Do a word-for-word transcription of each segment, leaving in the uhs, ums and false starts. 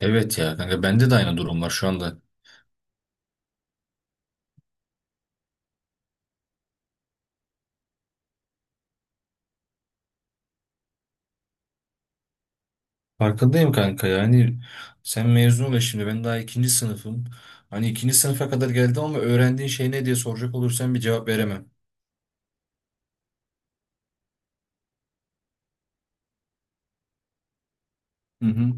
Evet ya kanka bende de aynı durum var şu anda. Farkındayım kanka yani sen mezun ol ya şimdi ben daha ikinci sınıfım. Hani ikinci sınıfa kadar geldim ama öğrendiğin şey ne diye soracak olursan bir cevap veremem. Hı hı.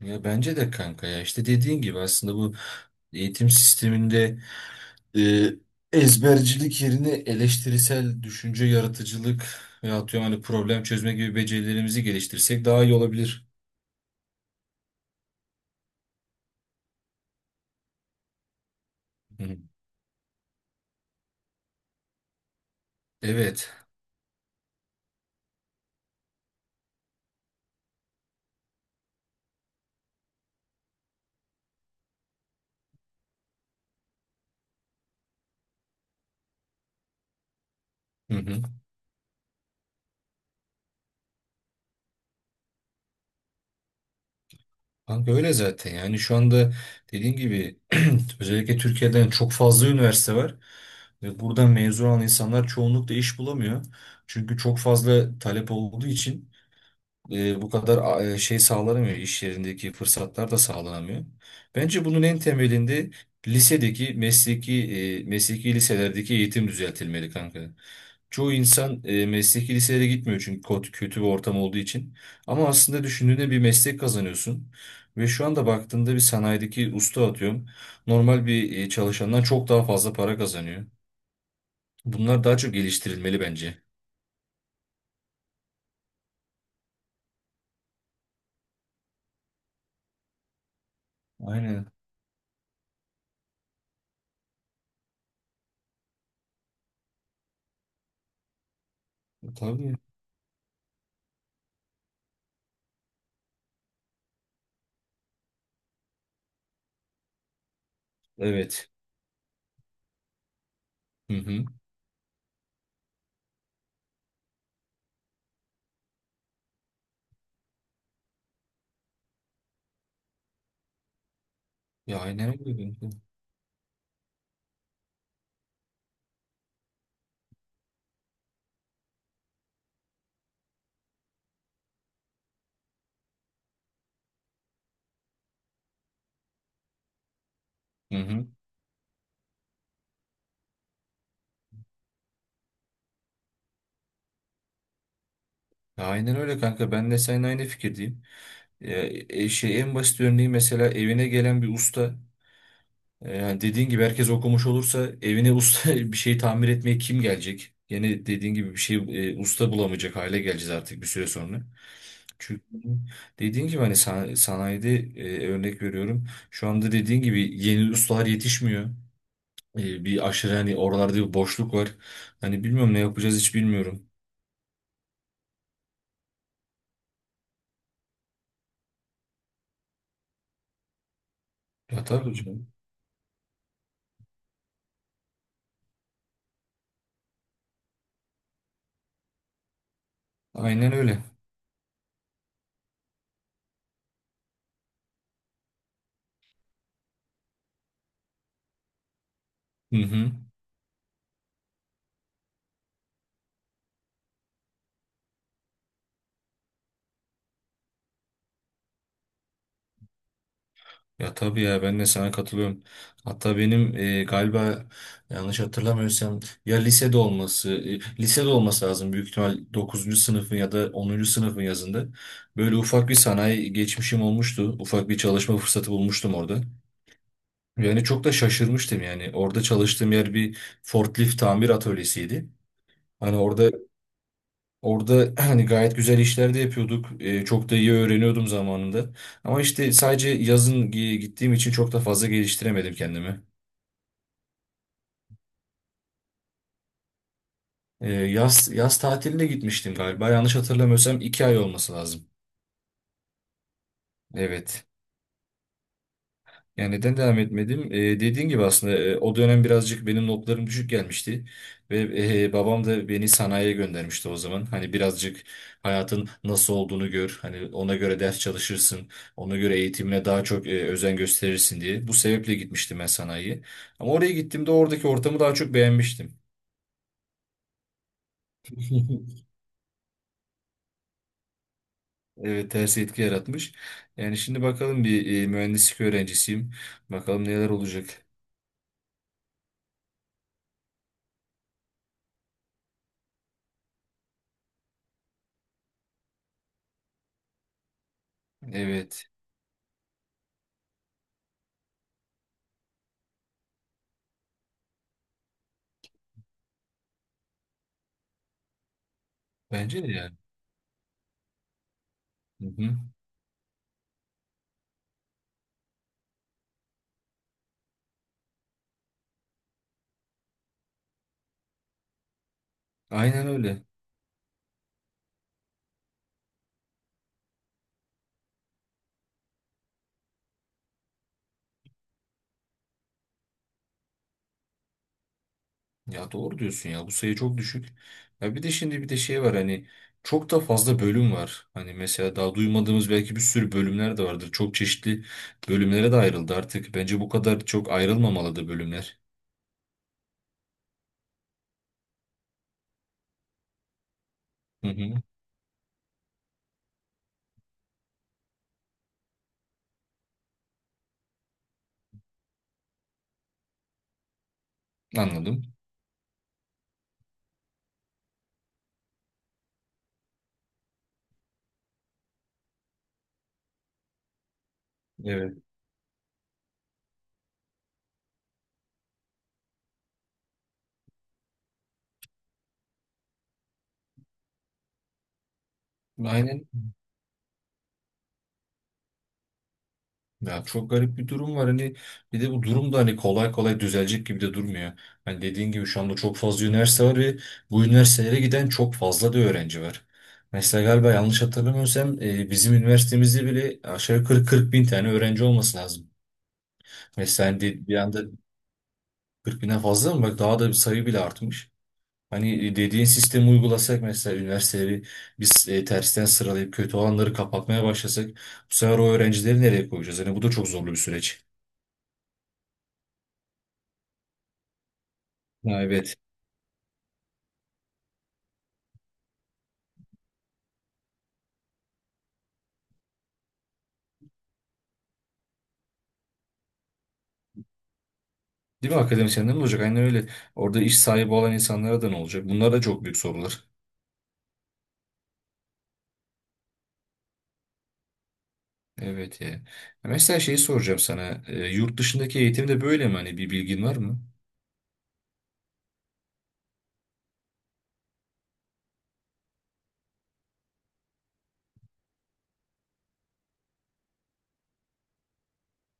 Ya bence de kanka ya işte dediğin gibi aslında bu eğitim sisteminde e, ezbercilik yerine eleştirisel düşünce, yaratıcılık ve atıyorum hani problem çözme gibi becerilerimizi geliştirsek daha iyi olabilir. Hı hı. Evet. Hı hı. Kanka öyle zaten yani şu anda dediğim gibi özellikle Türkiye'den çok fazla üniversite var ve buradan mezun olan insanlar çoğunlukla iş bulamıyor. Çünkü çok fazla talep olduğu için e, bu kadar e, şey sağlanamıyor iş yerindeki fırsatlar da sağlanamıyor. Bence bunun en temelinde lisedeki mesleki e, mesleki liselerdeki eğitim düzeltilmeli kanka. Çoğu insan e, mesleki liselere gitmiyor çünkü kot- kötü bir ortam olduğu için. Ama aslında düşündüğünde bir meslek kazanıyorsun. Ve şu anda baktığında bir sanayideki usta atıyorum. Normal bir e, çalışandan çok daha fazla para kazanıyor. Bunlar daha çok geliştirilmeli bence. Aynen. Tabii. Evet. Hı hı. Ya aynen öyle, kanka. Hı hı. Ya aynen öyle kanka. Ben de seninle aynı fikirdeyim. Ya, e, şey, en basit örneği mesela evine gelen bir usta. E, Yani dediğin gibi herkes okumuş olursa evine usta bir şey tamir etmeye kim gelecek? Yine dediğin gibi bir şey e, usta bulamayacak hale geleceğiz artık bir süre sonra. Çünkü dediğin gibi hani san- sanayide e, örnek veriyorum. Şu anda dediğin gibi yeni ustalar yetişmiyor. E, bir aşırı hani oralarda bir boşluk var. Hani bilmiyorum ne yapacağız hiç bilmiyorum. Ya tabii hocam. Aynen öyle. Hı hı. Ya tabii ya ben de sana katılıyorum. Hatta benim e, galiba yanlış hatırlamıyorsam ya lisede olması, e, lisede olması lazım büyük ihtimal dokuzuncu sınıfın ya da onuncu sınıfın yazında. Böyle ufak bir sanayi geçmişim olmuştu. Ufak bir çalışma fırsatı bulmuştum orada. Yani çok da şaşırmıştım yani. Orada çalıştığım yer bir forklift tamir atölyesiydi. Hani orada Orada hani gayet güzel işler de yapıyorduk. Ee, çok da iyi öğreniyordum zamanında. Ama işte sadece yazın gi- gittiğim için çok da fazla geliştiremedim kendimi. Ee, yaz yaz tatiline gitmiştim galiba. Yanlış hatırlamıyorsam iki ay olması lazım. Evet. Yani neden devam etmedim? Ee, dediğin gibi aslında e, o dönem birazcık benim notlarım düşük gelmişti. Ve e, babam da beni sanayiye göndermişti o zaman. Hani birazcık hayatın nasıl olduğunu gör. Hani ona göre ders çalışırsın. Ona göre eğitimine daha çok e, özen gösterirsin diye. Bu sebeple gitmiştim ben sanayiye. Ama oraya gittiğimde oradaki ortamı daha çok beğenmiştim. Evet, ters etki yaratmış. Yani şimdi bakalım bir e, mühendislik öğrencisiyim. Bakalım neler olacak. Evet. Bence de yani. Hı hı. Aynen öyle. Ya doğru diyorsun ya bu sayı çok düşük. Ya bir de şimdi bir de şey var hani çok da fazla bölüm var. Hani mesela daha duymadığımız belki bir sürü bölümler de vardır. Çok çeşitli bölümlere de ayrıldı artık. Bence bu kadar çok ayrılmamalı da bölümler. Hı hı, anladım. Evet. Aynen. Ya çok garip bir durum var hani bir de bu durum da hani kolay kolay düzelecek gibi de durmuyor. Hani dediğin gibi şu anda çok fazla üniversite var ve bu üniversitelere giden çok fazla da öğrenci var. Mesela galiba yanlış hatırlamıyorsam e, bizim üniversitemizde bile aşağı yukarı kırk bin tane öğrenci olması lazım. Mesela hani de- bir anda kırk binden fazla mı? Bak daha da bir sayı bile artmış. Hani e, dediğin sistemi uygulasak mesela üniversiteleri biz e, tersten sıralayıp kötü olanları kapatmaya başlasak bu sefer o öğrencileri nereye koyacağız? Hani bu da çok zorlu bir süreç. Ha, evet. Değil mi, akademisyenler ne olacak? Aynen öyle. Orada iş sahibi olan insanlara da ne olacak? Bunlar da çok büyük sorular. Evet ya. Mesela şeyi soracağım sana. E, yurt dışındaki eğitim de böyle mi? Hani bir bilgin var mı?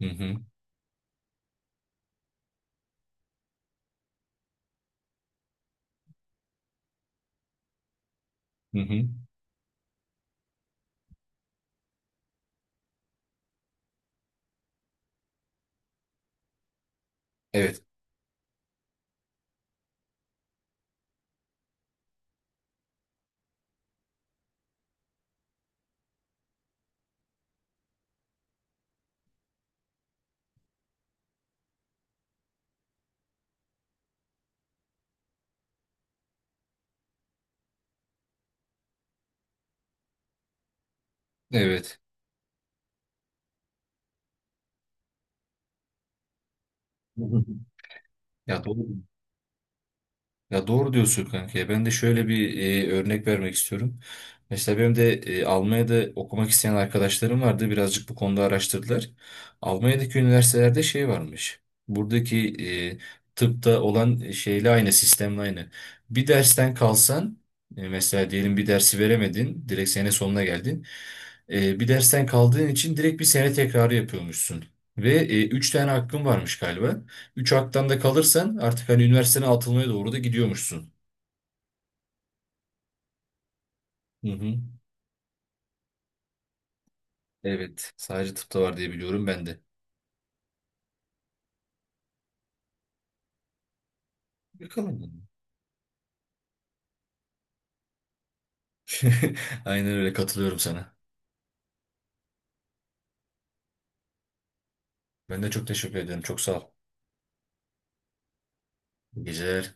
Hı hı. Hı hı. Evet. Evet. Hı hı. Ya doğru. Ya doğru diyorsun, kanka ya. Ben de şöyle bir e, örnek vermek istiyorum. Mesela benim de e, Almanya'da okumak isteyen arkadaşlarım vardı. Birazcık bu konuda araştırdılar. Almanya'daki üniversitelerde şey varmış. Buradaki e, tıpta olan şeyle aynı, sistemle aynı. Bir dersten kalsan, e, mesela diyelim bir dersi veremedin, direkt sene sonuna geldin. E, bir dersten kaldığın için direkt bir sene tekrarı yapıyormuşsun. Ve e, üç tane hakkın varmış galiba. Üç haktan da kalırsan artık hani üniversitene atılmaya doğru da gidiyormuşsun. Hı hı. Evet. Sadece tıpta var diye biliyorum ben de. Bakalım. Aynen öyle, katılıyorum sana. Ben de çok teşekkür ederim. Çok sağ ol. İyi geceler.